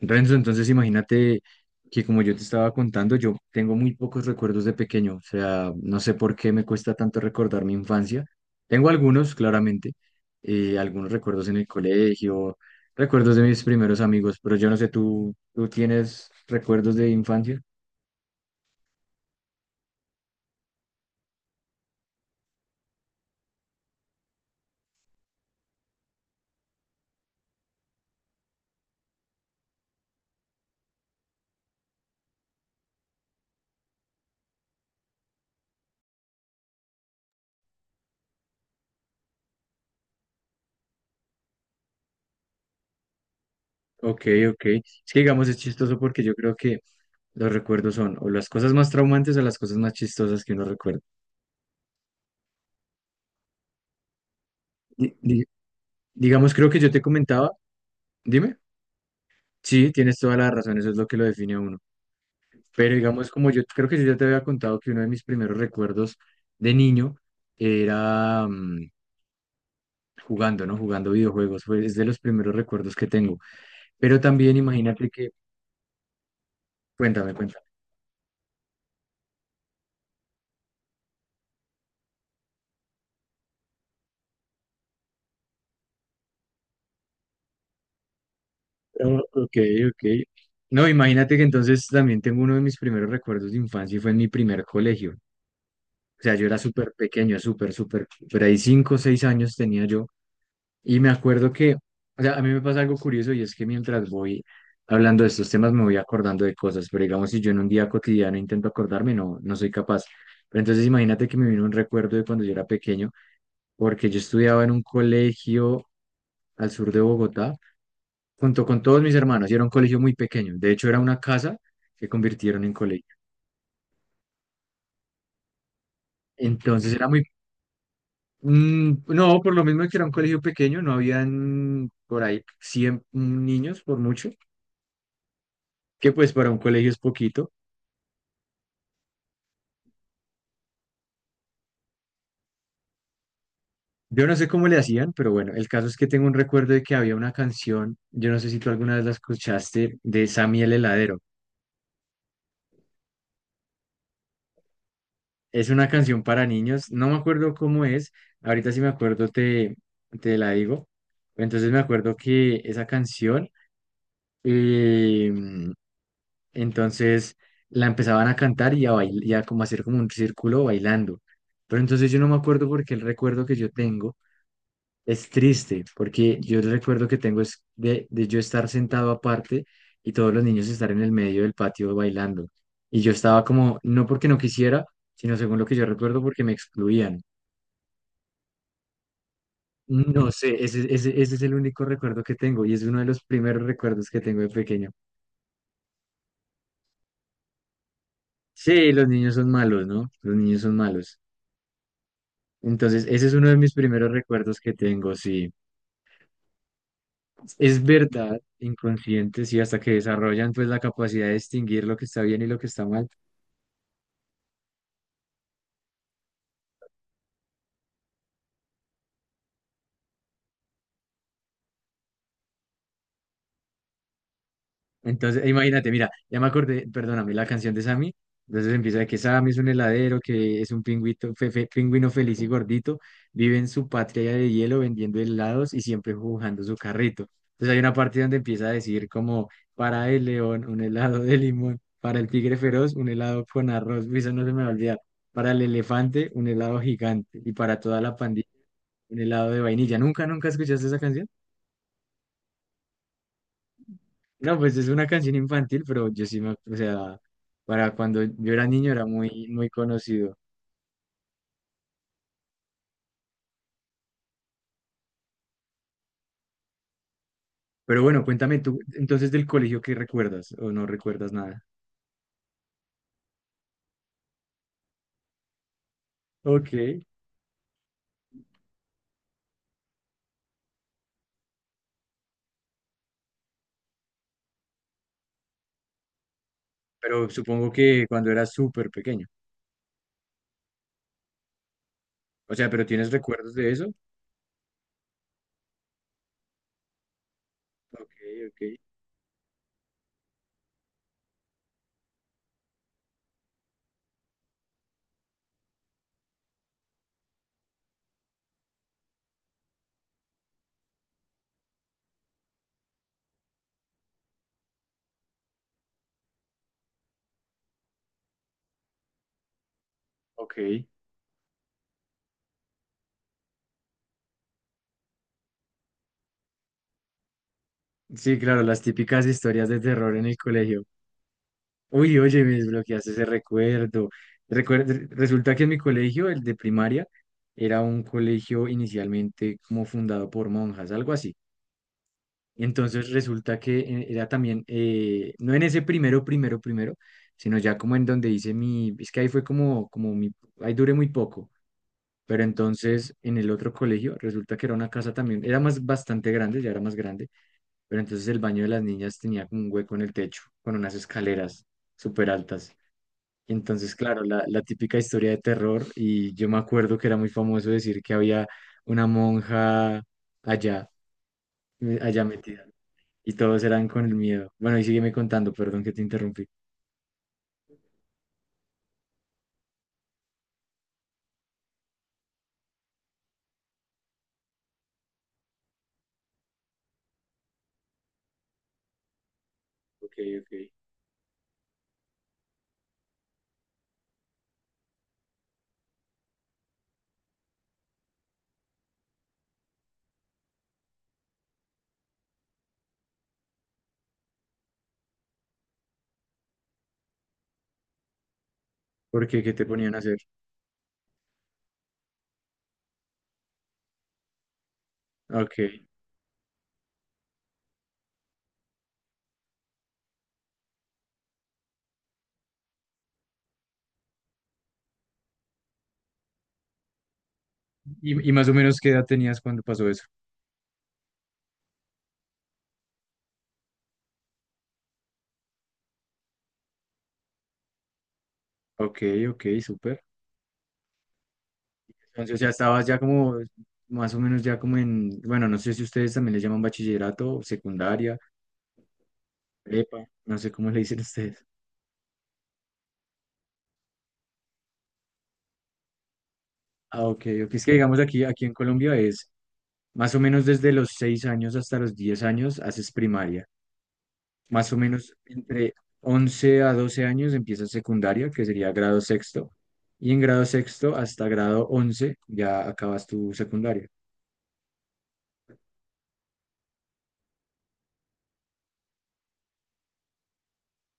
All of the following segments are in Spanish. Renzo, entonces imagínate que como yo te estaba contando, yo tengo muy pocos recuerdos de pequeño, o sea, no sé por qué me cuesta tanto recordar mi infancia. Tengo algunos, claramente, algunos recuerdos en el colegio, recuerdos de mis primeros amigos, pero yo no sé, ¿tú tienes recuerdos de infancia? Ok, ok. Es que digamos, es chistoso porque yo creo que los recuerdos son o las cosas más traumantes o las cosas más chistosas que uno recuerda. Di- di- digamos, creo que yo te comentaba, dime. Sí, tienes toda la razón, eso es lo que lo define a uno. Pero digamos, como yo creo que yo ya te había contado que uno de mis primeros recuerdos de niño era jugando, ¿no? Jugando videojuegos, fue, es de los primeros recuerdos que tengo. Pero también imagínate que, cuéntame, cuéntame. Oh, ok, ok. No, imagínate que entonces también tengo uno de mis primeros recuerdos de infancia y fue en mi primer colegio. O sea, yo era súper pequeño, súper, súper, por ahí 5 o 6 años tenía yo. Y me acuerdo que, o sea, a mí me pasa algo curioso y es que mientras voy hablando de estos temas me voy acordando de cosas, pero digamos, si yo en un día cotidiano intento acordarme, no, no soy capaz. Pero entonces imagínate que me vino un recuerdo de cuando yo era pequeño, porque yo estudiaba en un colegio al sur de Bogotá, junto con todos mis hermanos, y era un colegio muy pequeño. De hecho, era una casa que convirtieron en colegio. Entonces era muy. No, por lo mismo que era un colegio pequeño, no habían por ahí 100 niños por mucho que pues para un colegio es poquito. Yo no sé cómo le hacían, pero bueno, el caso es que tengo un recuerdo de que había una canción, yo no sé si tú alguna vez la escuchaste, de Sammy el Heladero. Es una canción para niños, no me acuerdo cómo es, ahorita si me acuerdo te la digo. Entonces me acuerdo que esa canción, eh, entonces la empezaban a cantar y a, bailar y a como hacer como un círculo bailando. Pero entonces yo no me acuerdo porque el recuerdo que yo tengo es triste, porque yo recuerdo que tengo es de yo estar sentado aparte y todos los niños estar en el medio del patio bailando. Y yo estaba como, no porque no quisiera, sino según lo que yo recuerdo, porque me excluían. No sé, ese es el único recuerdo que tengo y es uno de los primeros recuerdos que tengo de pequeño. Sí, los niños son malos, ¿no? Los niños son malos. Entonces, ese es uno de mis primeros recuerdos que tengo, sí. Es verdad, inconscientes y hasta que desarrollan pues la capacidad de distinguir lo que está bien y lo que está mal. Entonces, imagínate, mira, ya me acordé, perdóname, la canción de Sammy. Entonces empieza de que Sammy es un heladero, que es un pingüito, pingüino feliz y gordito, vive en su patria de hielo vendiendo helados y siempre jugando su carrito. Entonces hay una parte donde empieza a decir como, para el león, un helado de limón, para el tigre feroz, un helado con arroz, uy, eso no se me va a olvidar, para el elefante, un helado gigante y para toda la pandilla, un helado de vainilla. ¿Nunca, nunca escuchaste esa canción? No, pues es una canción infantil, pero yo sí me, o sea, para cuando yo era niño era muy, muy conocido. Pero bueno, cuéntame tú, entonces del colegio, ¿qué recuerdas o no recuerdas nada? Ok. Pero supongo que cuando eras súper pequeño. O sea, ¿pero tienes recuerdos de eso? Ok, ok, ok. Sí, claro, las típicas historias de terror en el colegio. Uy, oye, me desbloqueaste ese recuerdo. Resulta que en mi colegio, el de primaria, era un colegio inicialmente como fundado por monjas, algo así. Entonces resulta que era también, no en ese primero, sino ya como en donde hice mi, es que ahí fue como mi, ahí duré muy poco, pero entonces en el otro colegio resulta que era una casa también, era más bastante grande, ya era más grande, pero entonces el baño de las niñas tenía como un hueco en el techo, con unas escaleras súper altas. Y entonces, claro, la típica historia de terror, y yo me acuerdo que era muy famoso decir que había una monja allá, allá metida. Y todos eran con el miedo. Bueno, y sígueme contando, perdón que te interrumpí. Ok, ok. ¿Por qué? ¿Qué te ponían a hacer? Ok. Y más o menos qué edad tenías cuando pasó eso. Ok, ok, súper. Entonces ya estabas ya como, más o menos ya como en, bueno, no sé si ustedes también le llaman bachillerato, secundaria, prepa, no sé cómo le dicen ustedes. Ah, ok, ok. Es que digamos aquí en Colombia es más o menos desde los 6 años hasta los 10 años haces primaria. Más o menos entre 11 a 12 años empieza secundaria, que sería grado sexto, y en grado sexto hasta grado 11 ya acabas tu secundaria.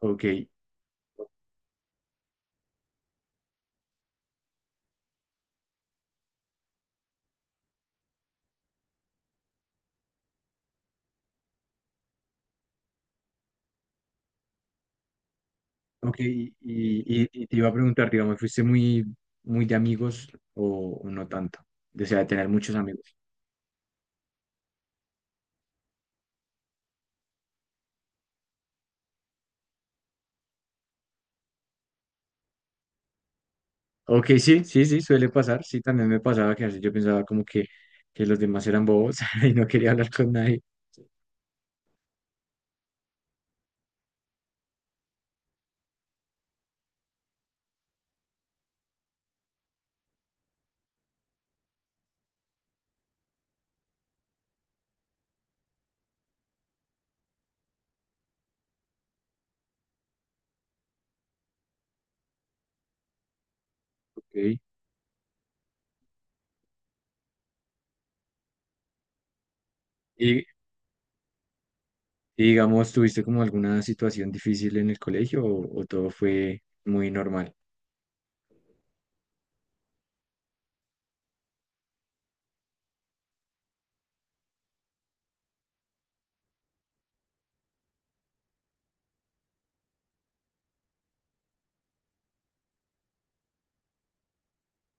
Ok, ok, y te iba a preguntar, digamos, ¿fuiste muy de amigos o no tanto? O sea, de tener muchos amigos. Ok, sí, sí, sí, suele pasar, sí, también me pasaba que a veces yo pensaba como que los demás eran bobos y no quería hablar con nadie. Ok, y, Y digamos, ¿tuviste como alguna situación difícil en el colegio o todo fue muy normal?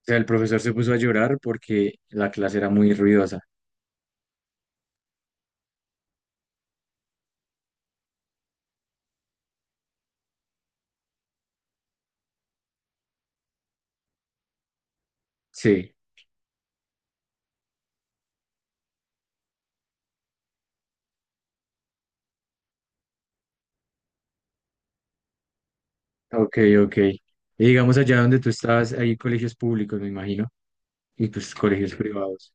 O sea, el profesor se puso a llorar porque la clase era muy ruidosa. Sí, ok, ok. Y digamos, allá donde tú estabas, hay colegios públicos, me imagino, y pues colegios privados.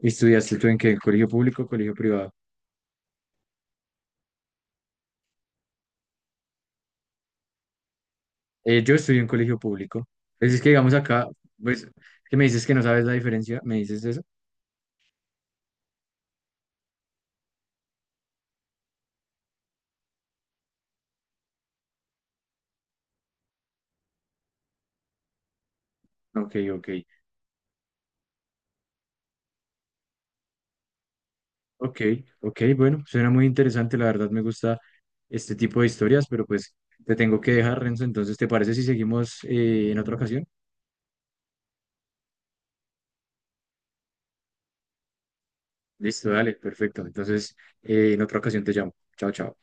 ¿Y estudiaste tú en qué? ¿Colegio público o colegio privado? Yo estudié en colegio público. Pues es que digamos acá, pues, ¿qué me dices que no sabes la diferencia? ¿Me dices eso? Ok, ok. Ok, ok, bueno, suena muy interesante, la verdad me gusta este tipo de historias, pero pues te tengo que dejar, Renzo, entonces, ¿te parece si seguimos en otra ocasión? Listo, dale, perfecto. Entonces, en otra ocasión te llamo. Chao, chao.